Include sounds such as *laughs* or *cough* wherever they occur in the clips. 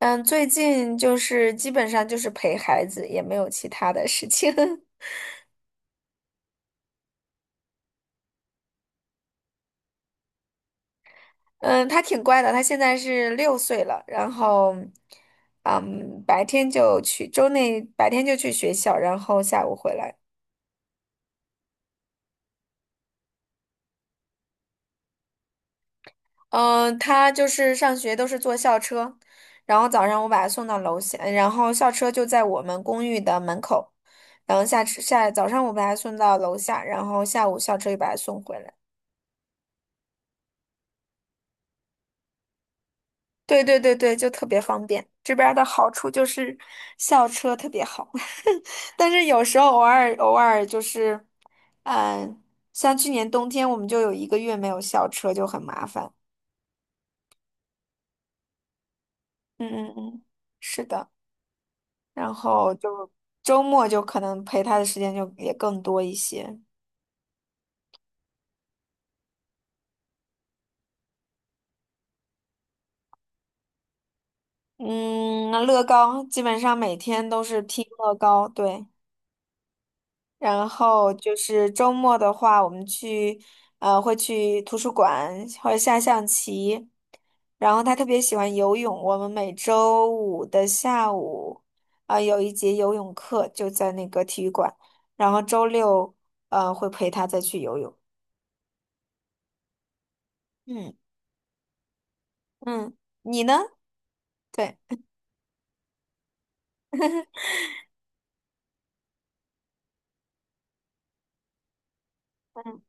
嗯，最近就是基本上就是陪孩子，也没有其他的事情。*laughs* 嗯，他挺乖的，他现在是6岁了，然后，嗯，白天就去，周内白天就去学校，然后下午回来。嗯，他就是上学都是坐校车，然后早上我把他送到楼下，然后校车就在我们公寓的门口，然后下早上我把他送到楼下，然后下午校车又把他送回来。对对对对，就特别方便。这边儿的好处就是校车特别好。*laughs* 但是有时候偶尔就是，嗯，像去年冬天我们就有1个月没有校车，就很麻烦。嗯嗯嗯，是的。然后就周末就可能陪他的时间就也更多一些。嗯，乐高基本上每天都是拼乐高，对。然后就是周末的话，我们去会去图书馆或者下象棋。然后他特别喜欢游泳，我们每周五的下午有一节游泳课就在那个体育馆，然后周六会陪他再去游泳。嗯嗯，你呢？对，嗯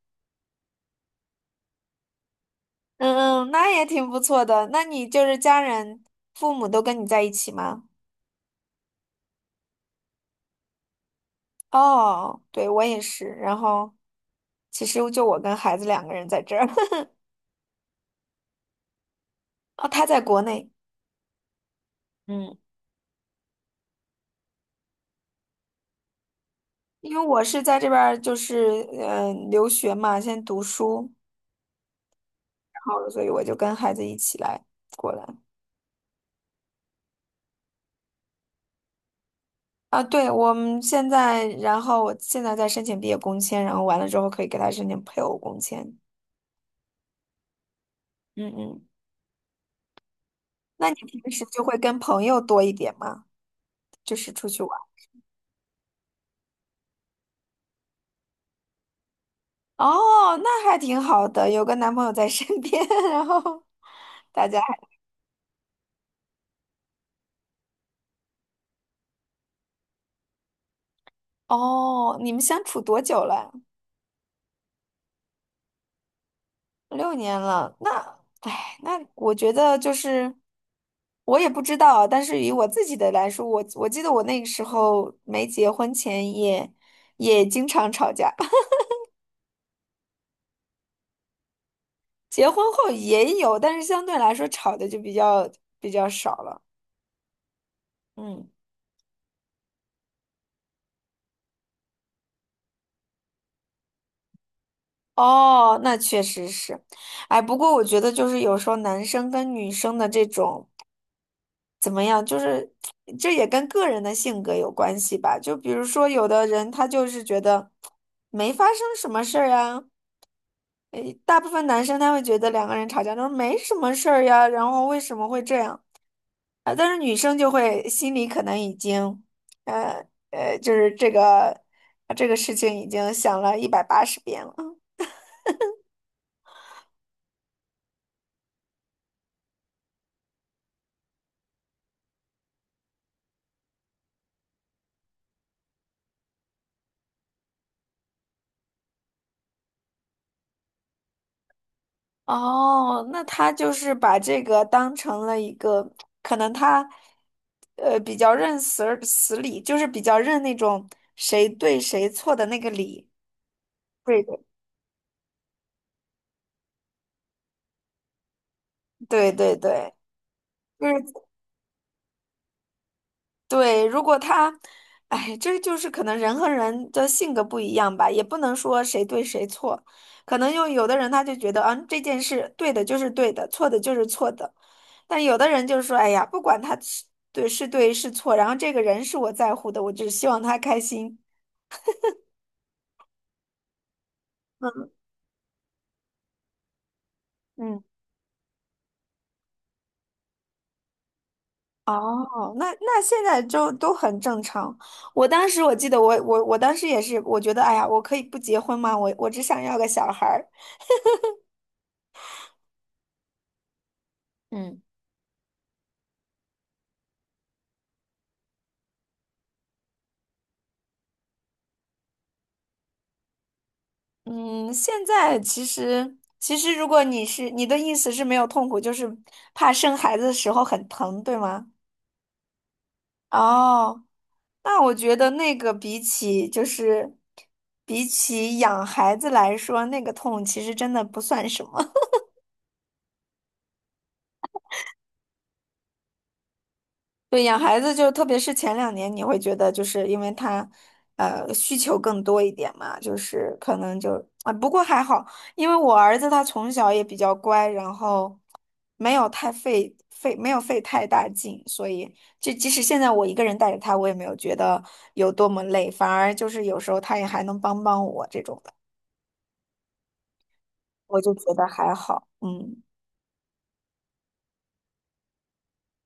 嗯，那也挺不错的。那你就是家人、父母都跟你在一起吗？哦，对，我也是。然后其实就我跟孩子两个人在这儿。*laughs* 哦，他在国内，嗯，因为我是在这边儿就是留学嘛，先读书，然后所以我就跟孩子一起来过来。啊，对，我们现在，然后我现在在申请毕业工签，然后完了之后可以给他申请配偶工签。嗯嗯，那你平时就会跟朋友多一点吗？就是出去玩。哦，那还挺好的，有个男朋友在身边。*laughs* 然后大家。哦，你们相处多久了？6年了。那，哎，那我觉得就是，我也不知道，但是以我自己的来说，我记得我那个时候没结婚前也经常吵架。*laughs* 结婚后也有，但是相对来说吵的就比较少了。嗯，哦，那确实是，哎，不过我觉得就是有时候男生跟女生的这种。怎么样？就是这也跟个人的性格有关系吧。就比如说，有的人他就是觉得没发生什么事儿啊。诶，大部分男生他会觉得两个人吵架都是没什么事儿呀，然后为什么会这样啊？但是女生就会心里可能已经，呃就是这个事情已经想了180遍了。哦，那他就是把这个当成了一个，可能他，比较认死儿死理，就是比较认那种谁对谁错的那个理。对对对对对，对，如果他，哎，这就是可能人和人的性格不一样吧，也不能说谁对谁错，可能就有的人他就觉得，嗯，这件事对的就是对的，错的就是错的，但有的人就是说，哎呀，不管他是对是错，然后这个人是我在乎的，我只希望他开心。嗯，哦，那那现在就都很正常。我当时我记得我当时也是，我觉得哎呀，我可以不结婚吗？我只想要个小孩儿。嗯。嗯，现在其实，如果你是你的意思是没有痛苦，就是怕生孩子的时候很疼，对吗？哦，那我觉得那个比起养孩子来说，那个痛其实真的不算什么。对，养孩子就特别是前2年，你会觉得就是因为他，需求更多一点嘛，就是可能就啊，不过还好，因为我儿子他从小也比较乖，然后没有太费费没有费太大劲，所以就即使现在我一个人带着他，我也没有觉得有多么累，反而就是有时候他也还能帮帮我这种的，我就觉得还好，嗯。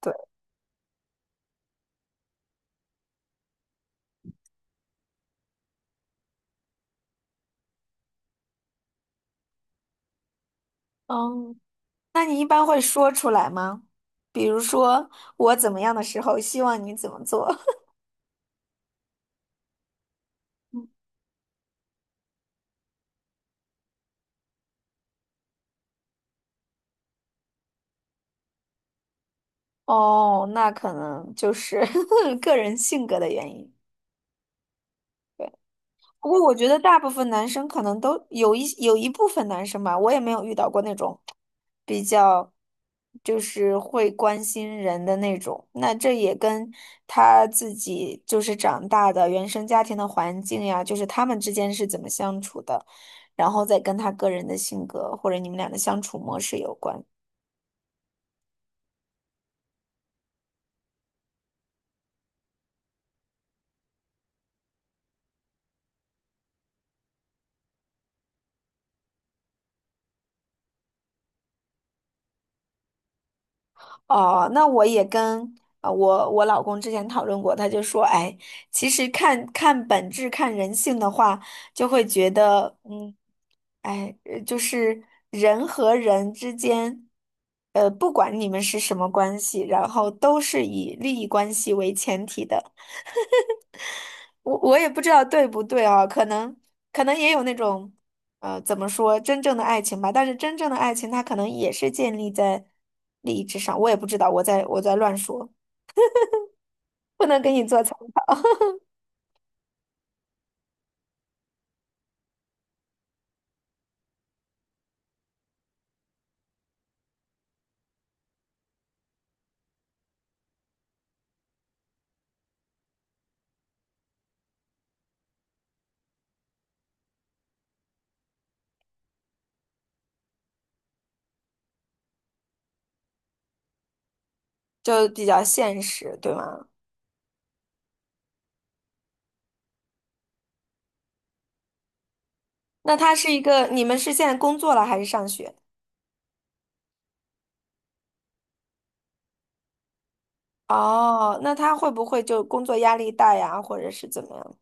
对。哦，那你一般会说出来吗？比如说我怎么样的时候，希望你怎么做？*laughs* 哦，那可能就是 *laughs* 个人性格的原因。对，不过我觉得大部分男生可能都有一部分男生吧，我也没有遇到过那种就是会关心人的那种。那这也跟他自己就是长大的原生家庭的环境呀，就是他们之间是怎么相处的，然后再跟他个人的性格或者你们俩的相处模式有关。哦，那我也跟我老公之前讨论过，他就说，哎，其实看看本质、看人性的话，就会觉得，嗯，哎，就是人和人之间，不管你们是什么关系，然后都是以利益关系为前提的。我也不知道对不对啊，可能也有那种，怎么说，真正的爱情吧。但是真正的爱情，它可能也是建立在利益之上。我也不知道，我在乱说，不能给你做参。就比较现实，对吗？那他是一个，你们是现在工作了还是上学？哦，那他会不会就工作压力大呀，或者是怎么样？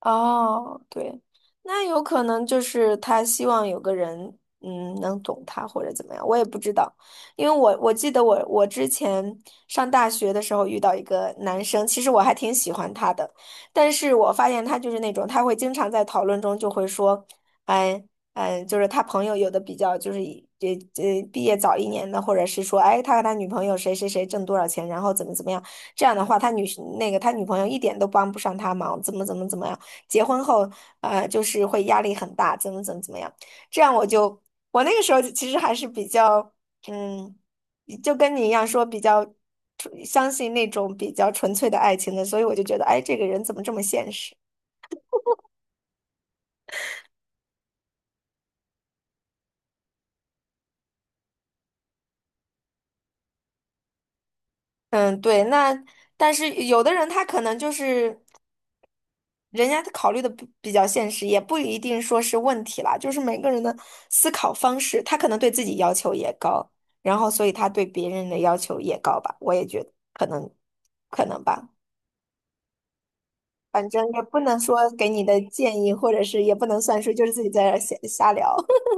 哦，对，那有可能就是他希望有个人，嗯，能懂他或者怎么样，我也不知道，因为我记得我之前上大学的时候遇到一个男生，其实我还挺喜欢他的，但是我发现他就是那种他会经常在讨论中就会说，哎。嗯，就是他朋友有的比较就是以毕业早1年的，或者是说，哎，他和他女朋友谁谁谁挣多少钱，然后怎么怎么样，这样的话，那个他女朋友一点都帮不上他忙，怎么怎么怎么样。结婚后，就是会压力很大，怎么怎么怎么样。这样我就，我那个时候其实还是比较，嗯，就跟你一样说比较纯相信那种比较纯粹的爱情的，所以我就觉得，哎，这个人怎么这么现实？嗯，对，那但是有的人他可能就是。人家考虑的比较现实，也不一定说是问题啦，就是每个人的思考方式，他可能对自己要求也高，然后所以他对别人的要求也高吧，我也觉得可能，可能吧，反正也不能说给你的建议，或者是也不能算数，就是自己在这儿瞎聊。*laughs*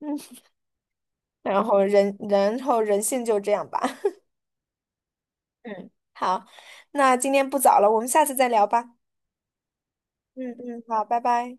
嗯，然后人，然后人性就这样吧，*laughs* 嗯，好，那今天不早了，我们下次再聊吧，嗯嗯，好，拜拜。